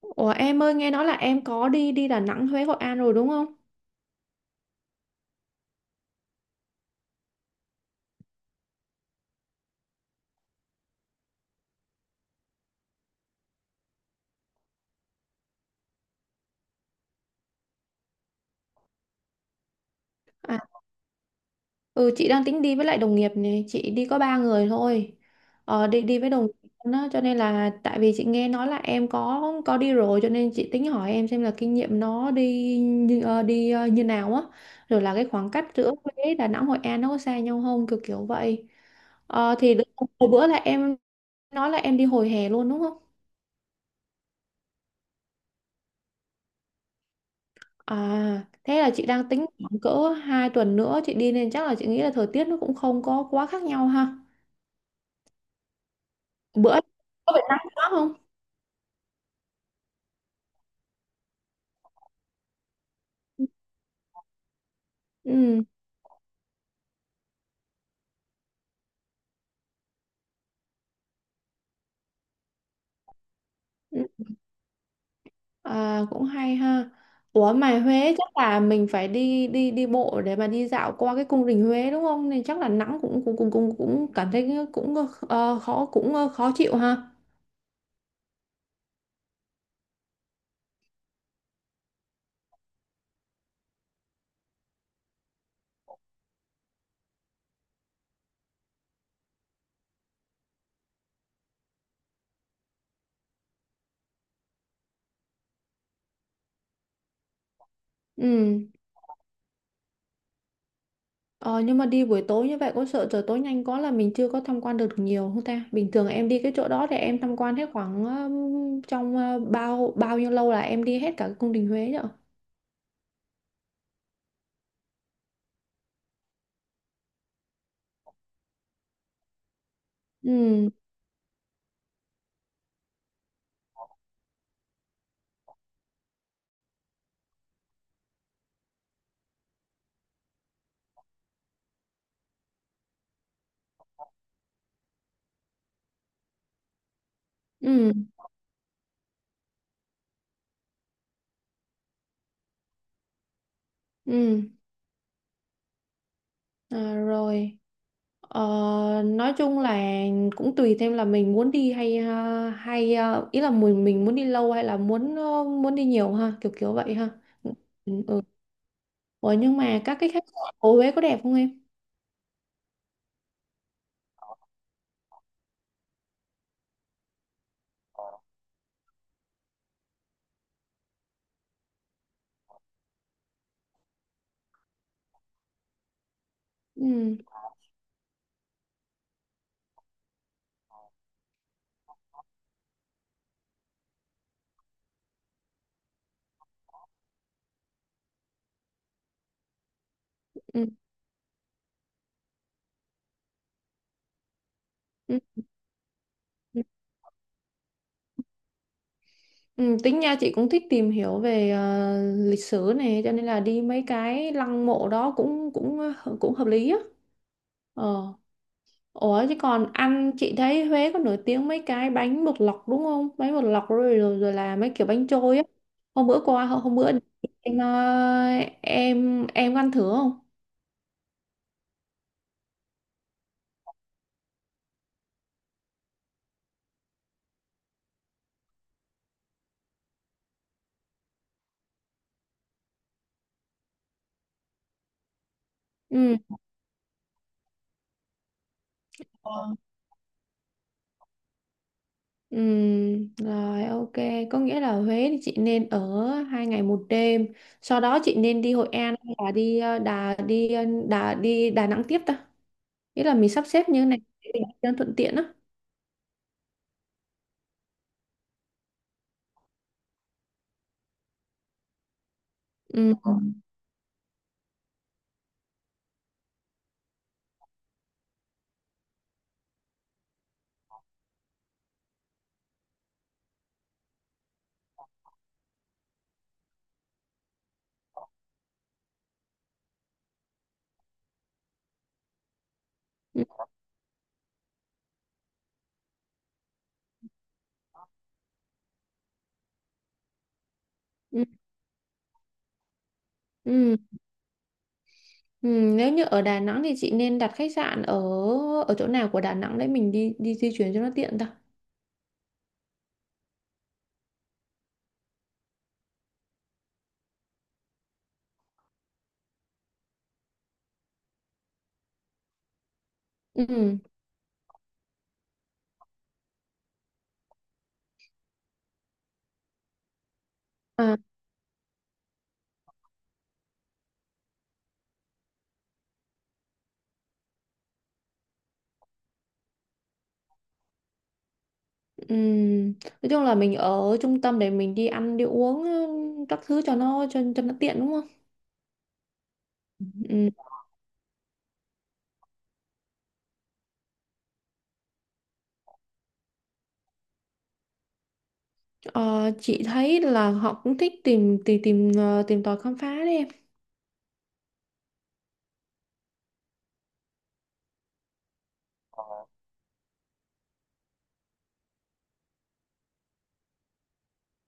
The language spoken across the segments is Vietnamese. Ủa em ơi nghe nói là em có đi đi Đà Nẵng, Huế, Hội An rồi đúng không? À, ừ chị đang tính đi với lại đồng nghiệp này, chị đi có ba người thôi. Đi đi với đồng nghiệp đó, cho nên là tại vì chị nghe nói là em có đi rồi cho nên chị tính hỏi em xem là kinh nghiệm nó đi như đi như nào á, rồi là cái khoảng cách giữa Huế, Đà Nẵng, Hội An nó có xa nhau không, kiểu kiểu vậy. Ờ, thì đ- hồi bữa là em nói là em đi hồi hè luôn đúng không? À, thế là chị đang tính khoảng cỡ 2 tuần nữa chị đi nên chắc là chị nghĩ là thời tiết nó cũng không có quá khác nhau ha. Bữa có bị nắng quá không? Ừ. Ừ. À, cũng hay ha. Ủa mà Huế chắc là mình phải đi đi đi bộ để mà đi dạo qua cái cung đình Huế đúng không? Nên chắc là nắng cũng cũng cũng cũng cũng cảm thấy cũng khó, cũng khó chịu ha. Ừ. Ờ, nhưng mà đi buổi tối như vậy có sợ trời tối nhanh quá là mình chưa có tham quan được nhiều không ta? Bình thường em đi cái chỗ đó thì em tham quan hết khoảng trong bao bao nhiêu lâu là em đi hết cả cái cung đình Huế rồi. Ừ, ừ, ừ. À, rồi. Ờ, nói chung là cũng tùy thêm là mình muốn đi hay hay, ý là mình muốn đi lâu hay là muốn đi nhiều ha, kiểu kiểu vậy ha. Ừ. Ừ. Ủa nhưng mà các cái khách sạn của Huế có đẹp không em? Ừ. Ừ. Ừ. Ừ. Ừ, tính nha chị cũng thích tìm hiểu về lịch sử này cho nên là đi mấy cái lăng mộ đó cũng cũng ờ, cũng hợp lý á. Ờ. Ủa chứ còn ăn chị thấy Huế có nổi tiếng mấy cái bánh bột lọc đúng không? Bánh bột lọc rồi rồi, rồi là mấy kiểu bánh trôi á. Hôm bữa em ờ, em có ăn thử không? Ừ. Ừ, rồi, ok, có nghĩa là Huế thì chị nên ở 2 ngày một đêm, sau đó chị nên đi Hội An hay là đi ờ, Đà đi ờ, Đà đi Đà Nẵng tiếp ta, nghĩa là mình sắp xếp như thế này để cho thuận tiện á. Ừ. Ừ. Ừ. Ừ. Ừ. Nếu như ở Đà Nẵng thì chị nên đặt khách sạn ở ở chỗ nào của Đà Nẵng để mình đi đi di chuyển cho nó tiện ta. Ừ. À, ừ. Nói chung là mình ở trung tâm để mình đi ăn đi uống, các thứ cho nó tiện đúng không? Ừ. Ờ, chị thấy là họ cũng thích tìm tìm tìm ờ, tìm tòi khám phá đấy em.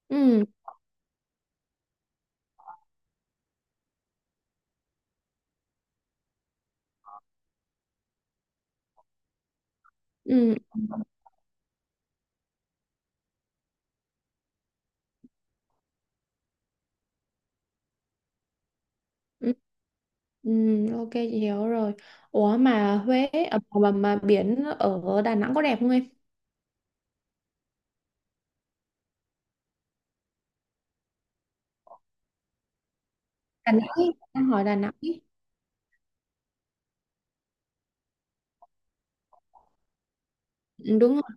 Ừ, ừ, ừ, ừ, ok chị hiểu rồi. Ủa mà mà biển ở Đà Nẵng có đẹp không em? Đà Nẵng, ý, em hỏi Đà Nẵng. Ý. Ừ, đúng rồi.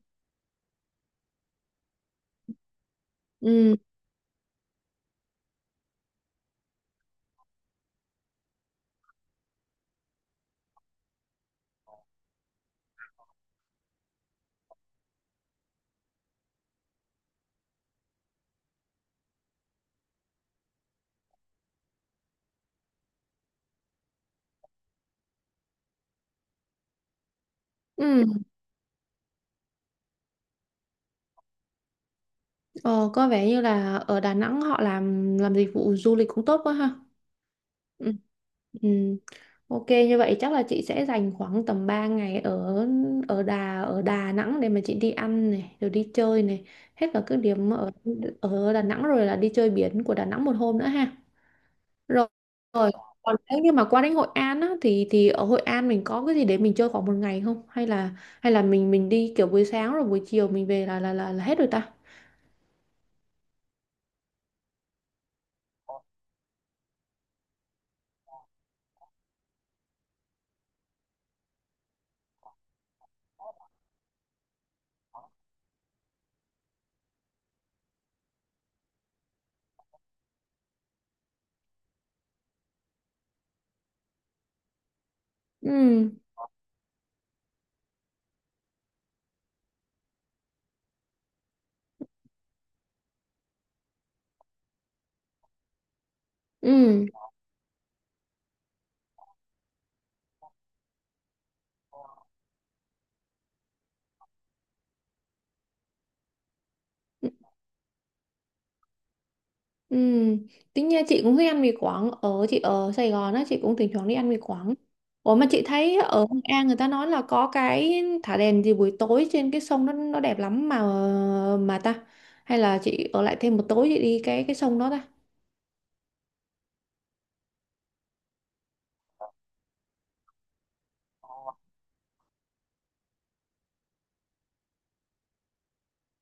Ừ, ừ. Ờ, có vẻ như là ở Đà Nẵng họ làm dịch vụ du lịch cũng tốt quá ha. Ừ. Ừ. Ok, như vậy chắc là chị sẽ dành khoảng tầm 3 ngày ở ở Đà Nẵng để mà chị đi ăn này, rồi đi chơi này, hết cả các điểm ở ở Đà Nẵng rồi là đi chơi biển của Đà Nẵng một hôm nữa ha. Rồi. Rồi. Còn nếu như mà qua đến Hội An á thì ở Hội An mình có cái gì để mình chơi khoảng một ngày không? Hay là mình đi kiểu buổi sáng rồi buổi chiều mình về là hết rồi ta? Ừ. Ừ. Ừ. Tính nha chị cũng thích ăn mì Quảng, chị ở Sài Gòn á, chị cũng thỉnh thoảng đi ăn mì Quảng. Ủa mà chị thấy ở Hội An người ta nói là có cái thả đèn gì buổi tối trên cái sông nó đẹp lắm mà ta, hay là chị ở lại thêm một tối chị đi cái sông đó ta?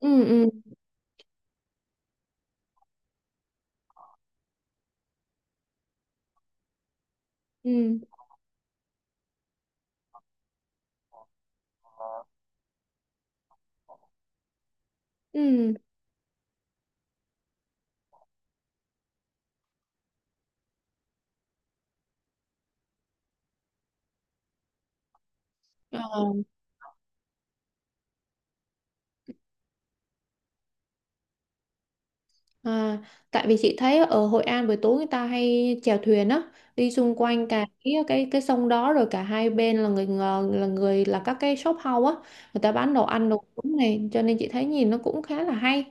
Ừ. Ừ. Ừ. Ừ. Ờ. À, tại vì chị thấy ở Hội An buổi tối người ta hay chèo thuyền á, đi xung quanh cả cái sông đó rồi cả hai bên là là người, là các cái shop house á, người ta bán đồ ăn đồ uống này, cho nên chị thấy nhìn nó cũng khá là hay,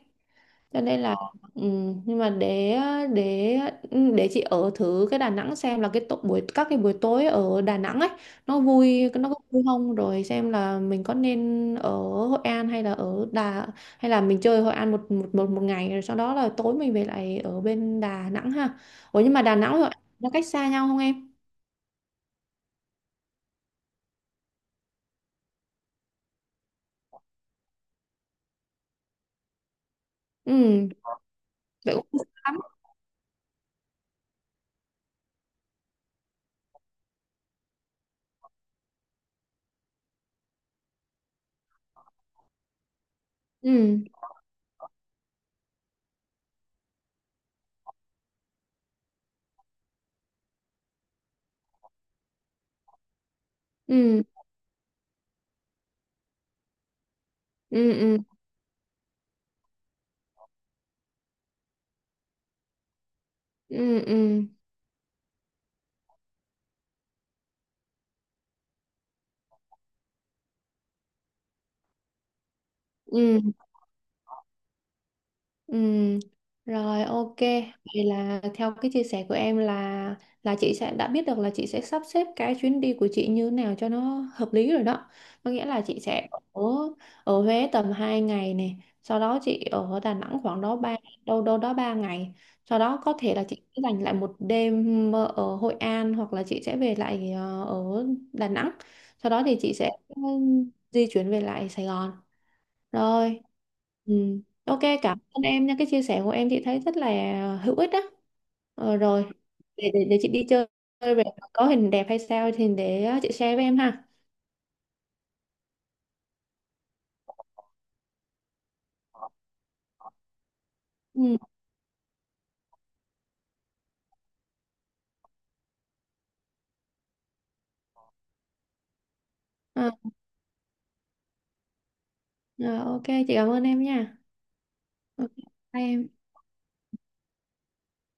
cho nên là ừ, nhưng mà để để chị ở thử cái Đà Nẵng xem là buổi các cái buổi tối ở Đà Nẵng ấy nó có vui không, rồi xem là mình có nên ở Hội An hay là mình chơi Hội An một ngày rồi sau đó là tối mình về lại ở bên Đà Nẵng ha. Ủa nhưng mà Đà Nẵng với Hội An nó cách xa nhau không em? Ừ, vậy cũng không xa lắm. Ừ. Ừ. Ừ. Ừ. Ừ. Ừ. Ừ. Ừ, rồi, ok. Vậy là theo cái chia sẻ của em là chị sẽ đã biết được là chị sẽ sắp xếp cái chuyến đi của chị như thế nào cho nó hợp lý rồi đó. Có nghĩa là chị sẽ ở ở Huế tầm 2 ngày này, sau đó chị ở Đà Nẵng khoảng đó ba đâu đâu đó 3 ngày. Sau đó có thể là chị sẽ dành lại một đêm ở Hội An hoặc là chị sẽ về lại ở Đà Nẵng. Sau đó thì chị sẽ di chuyển về lại Sài Gòn. Rồi. Ừ. Ok, cảm ơn em nha. Cái chia sẻ của em chị thấy rất là hữu ích á. Rồi, để chị đi chơi về có hình đẹp hay sao thì để chị share với em ha. Ừ. Ờ, ờ, ok, chị cảm ơn em nha. Ok, bye em.